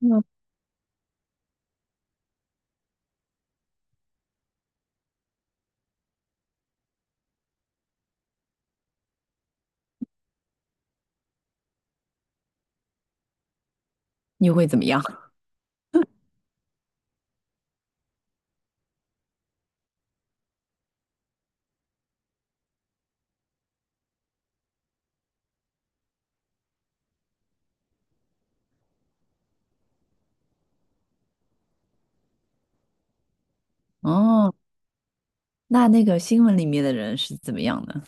嗯。你会怎么样？哦，那个新闻里面的人是怎么样的？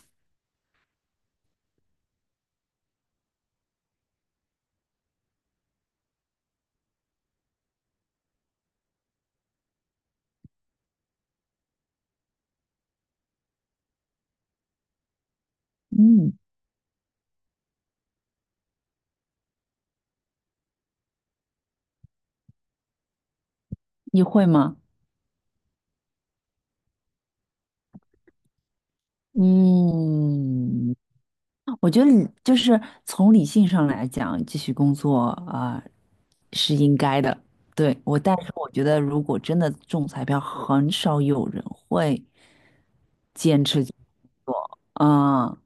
嗯，你会吗？嗯，我觉得就是从理性上来讲，继续工作啊，是应该的。对，但是我觉得如果真的中彩票，很少有人会坚持。嗯，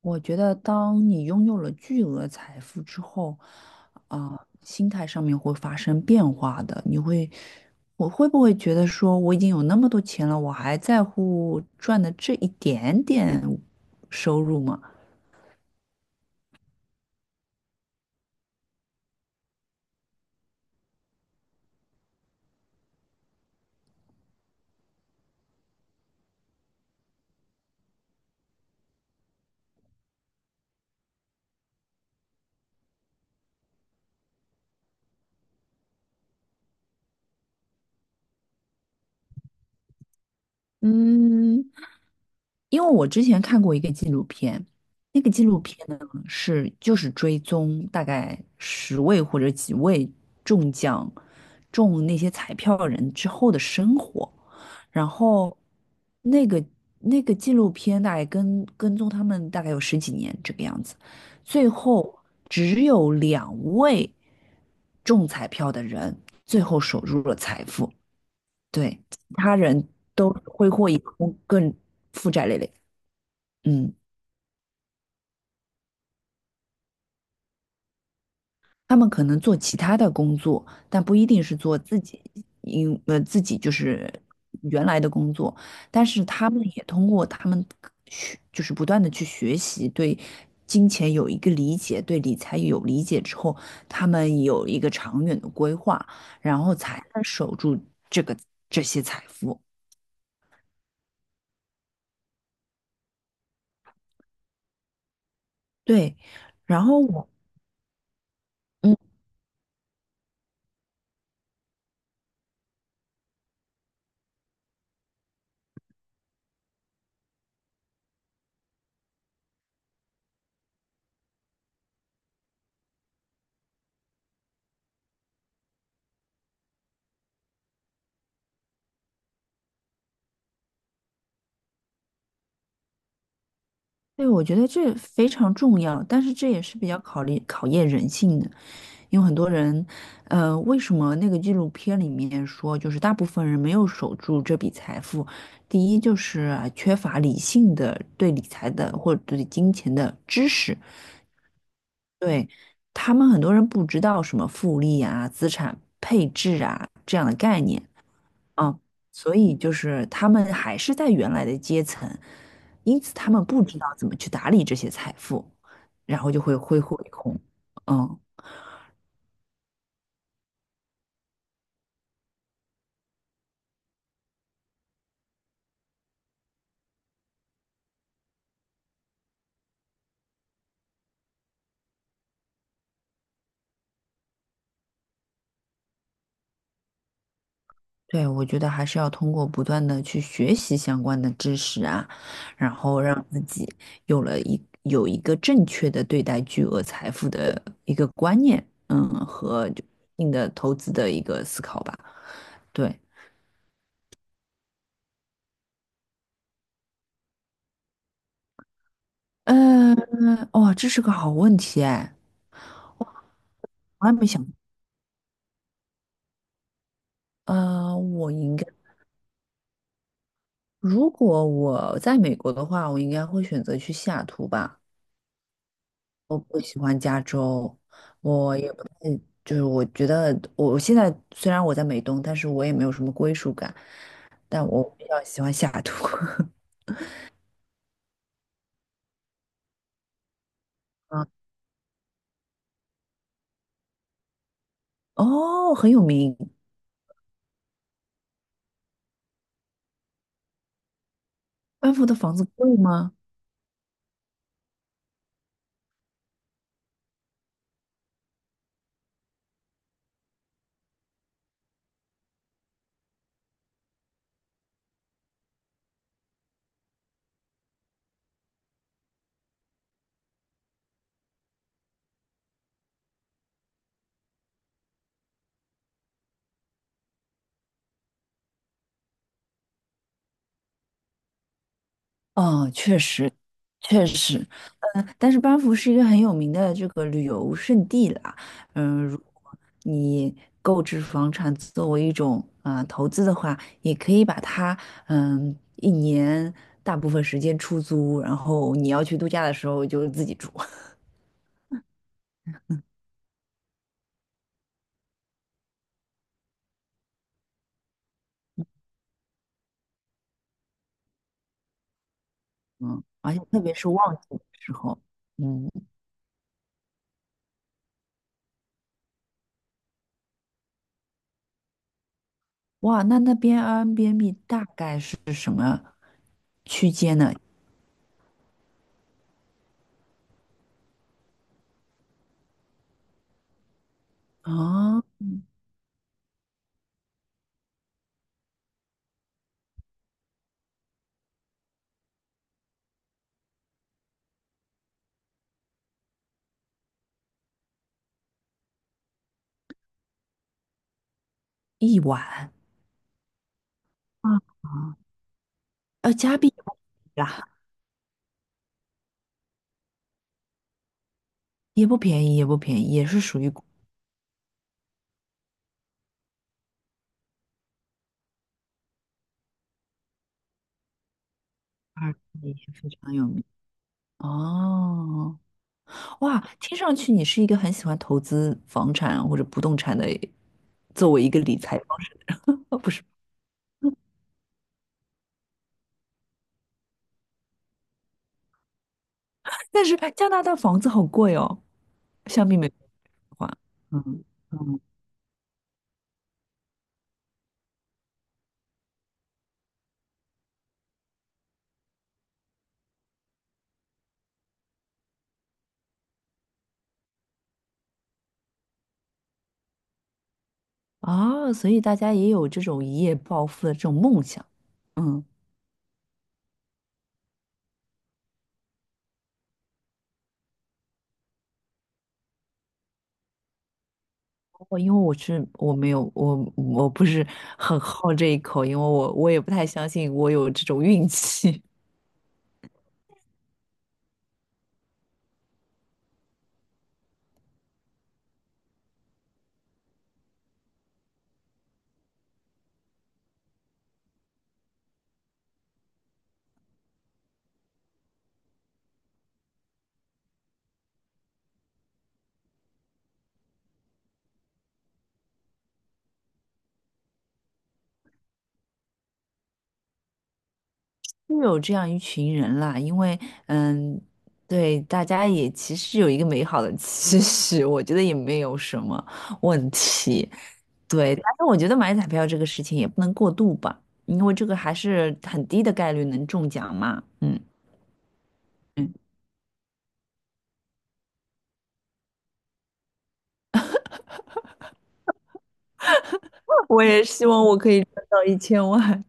我觉得当你拥有了巨额财富之后，心态上面会发生变化的。我会不会觉得说我已经有那么多钱了，我还在乎赚的这一点点收入吗？嗯，因为我之前看过一个纪录片，那个纪录片呢是就是追踪大概十位或者几位中奖中那些彩票人之后的生活，然后那个那个纪录片大概跟踪他们大概有十几年这个样子，最后只有两位中彩票的人最后守住了财富，对，其他人都挥霍一空，更负债累累。嗯，他们可能做其他的工作，但不一定是做自己，自己就是原来的工作，但是他们也通过他们就是不断的去学习，对金钱有一个理解，对理财有理解之后，他们有一个长远的规划，然后才能守住这个这些财富。对，然后我，嗯，对，我觉得这非常重要，但是这也是比较考验人性的。因为很多人，为什么那个纪录片里面说，就是大部分人没有守住这笔财富？第一就是缺乏理性的对理财的或者对金钱的知识，对，他们很多人不知道什么复利啊、资产配置啊这样的概念啊，所以就是他们还是在原来的阶层，因此他们不知道怎么去打理这些财富，然后就会挥霍一空，嗯。对，我觉得还是要通过不断的去学习相关的知识啊，然后让自己有一个正确的对待巨额财富的一个观念，嗯，和就一定的投资的一个思考吧。对，嗯，哇，这是个好问题哎，我还没想。我应该，如果我在美国的话，我应该会选择去西雅图吧。我不喜欢加州，我也不太，就是我觉得我现在虽然我在美东，但是我也没有什么归属感，但我比较喜欢下雅图。啊，哦，很有名，班福的房子贵吗？哦，确实，确实，嗯，但是班夫是一个很有名的这个旅游胜地啦。嗯，如果你购置房产作为一种投资的话，也可以把它一年大部分时间出租，然后你要去度假的时候就自己住。嗯，而且特别是旺季的时候，嗯，哇，那边 Airbnb 大概是区间呢？啊、一晚啊，啊，加币呀。也不便宜，也不便宜，也是属于巴尔地也非常有名。哦，哇，听上去你是一个很喜欢投资房产或者不动产的，作为一个理财方式，哦，不是，但是加拿大房子好贵哦，相比美国的话，嗯嗯，啊，所以大家也有这种一夜暴富的这种梦想。嗯，不过因为我是我没有我我不是很好这一口，因为我也不太相信我有这种运气。是有这样一群人啦，因为嗯，对，大家也其实有一个美好的 期许，我觉得也没有什么问题。对，但是我觉得买彩票这个事情也不能过度吧，因为这个还是很低的概率能中奖嘛。嗯嗯 我也希望我可以赚到1000万，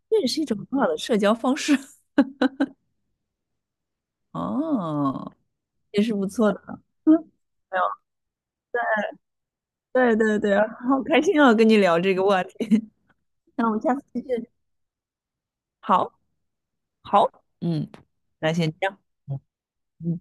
这也是一种很好的社交方式。 哦，也是不错的。嗯，没有，对对对，好开心哦，跟你聊这个话题。那我们下次再见。好。好，嗯，那先这样，嗯。嗯。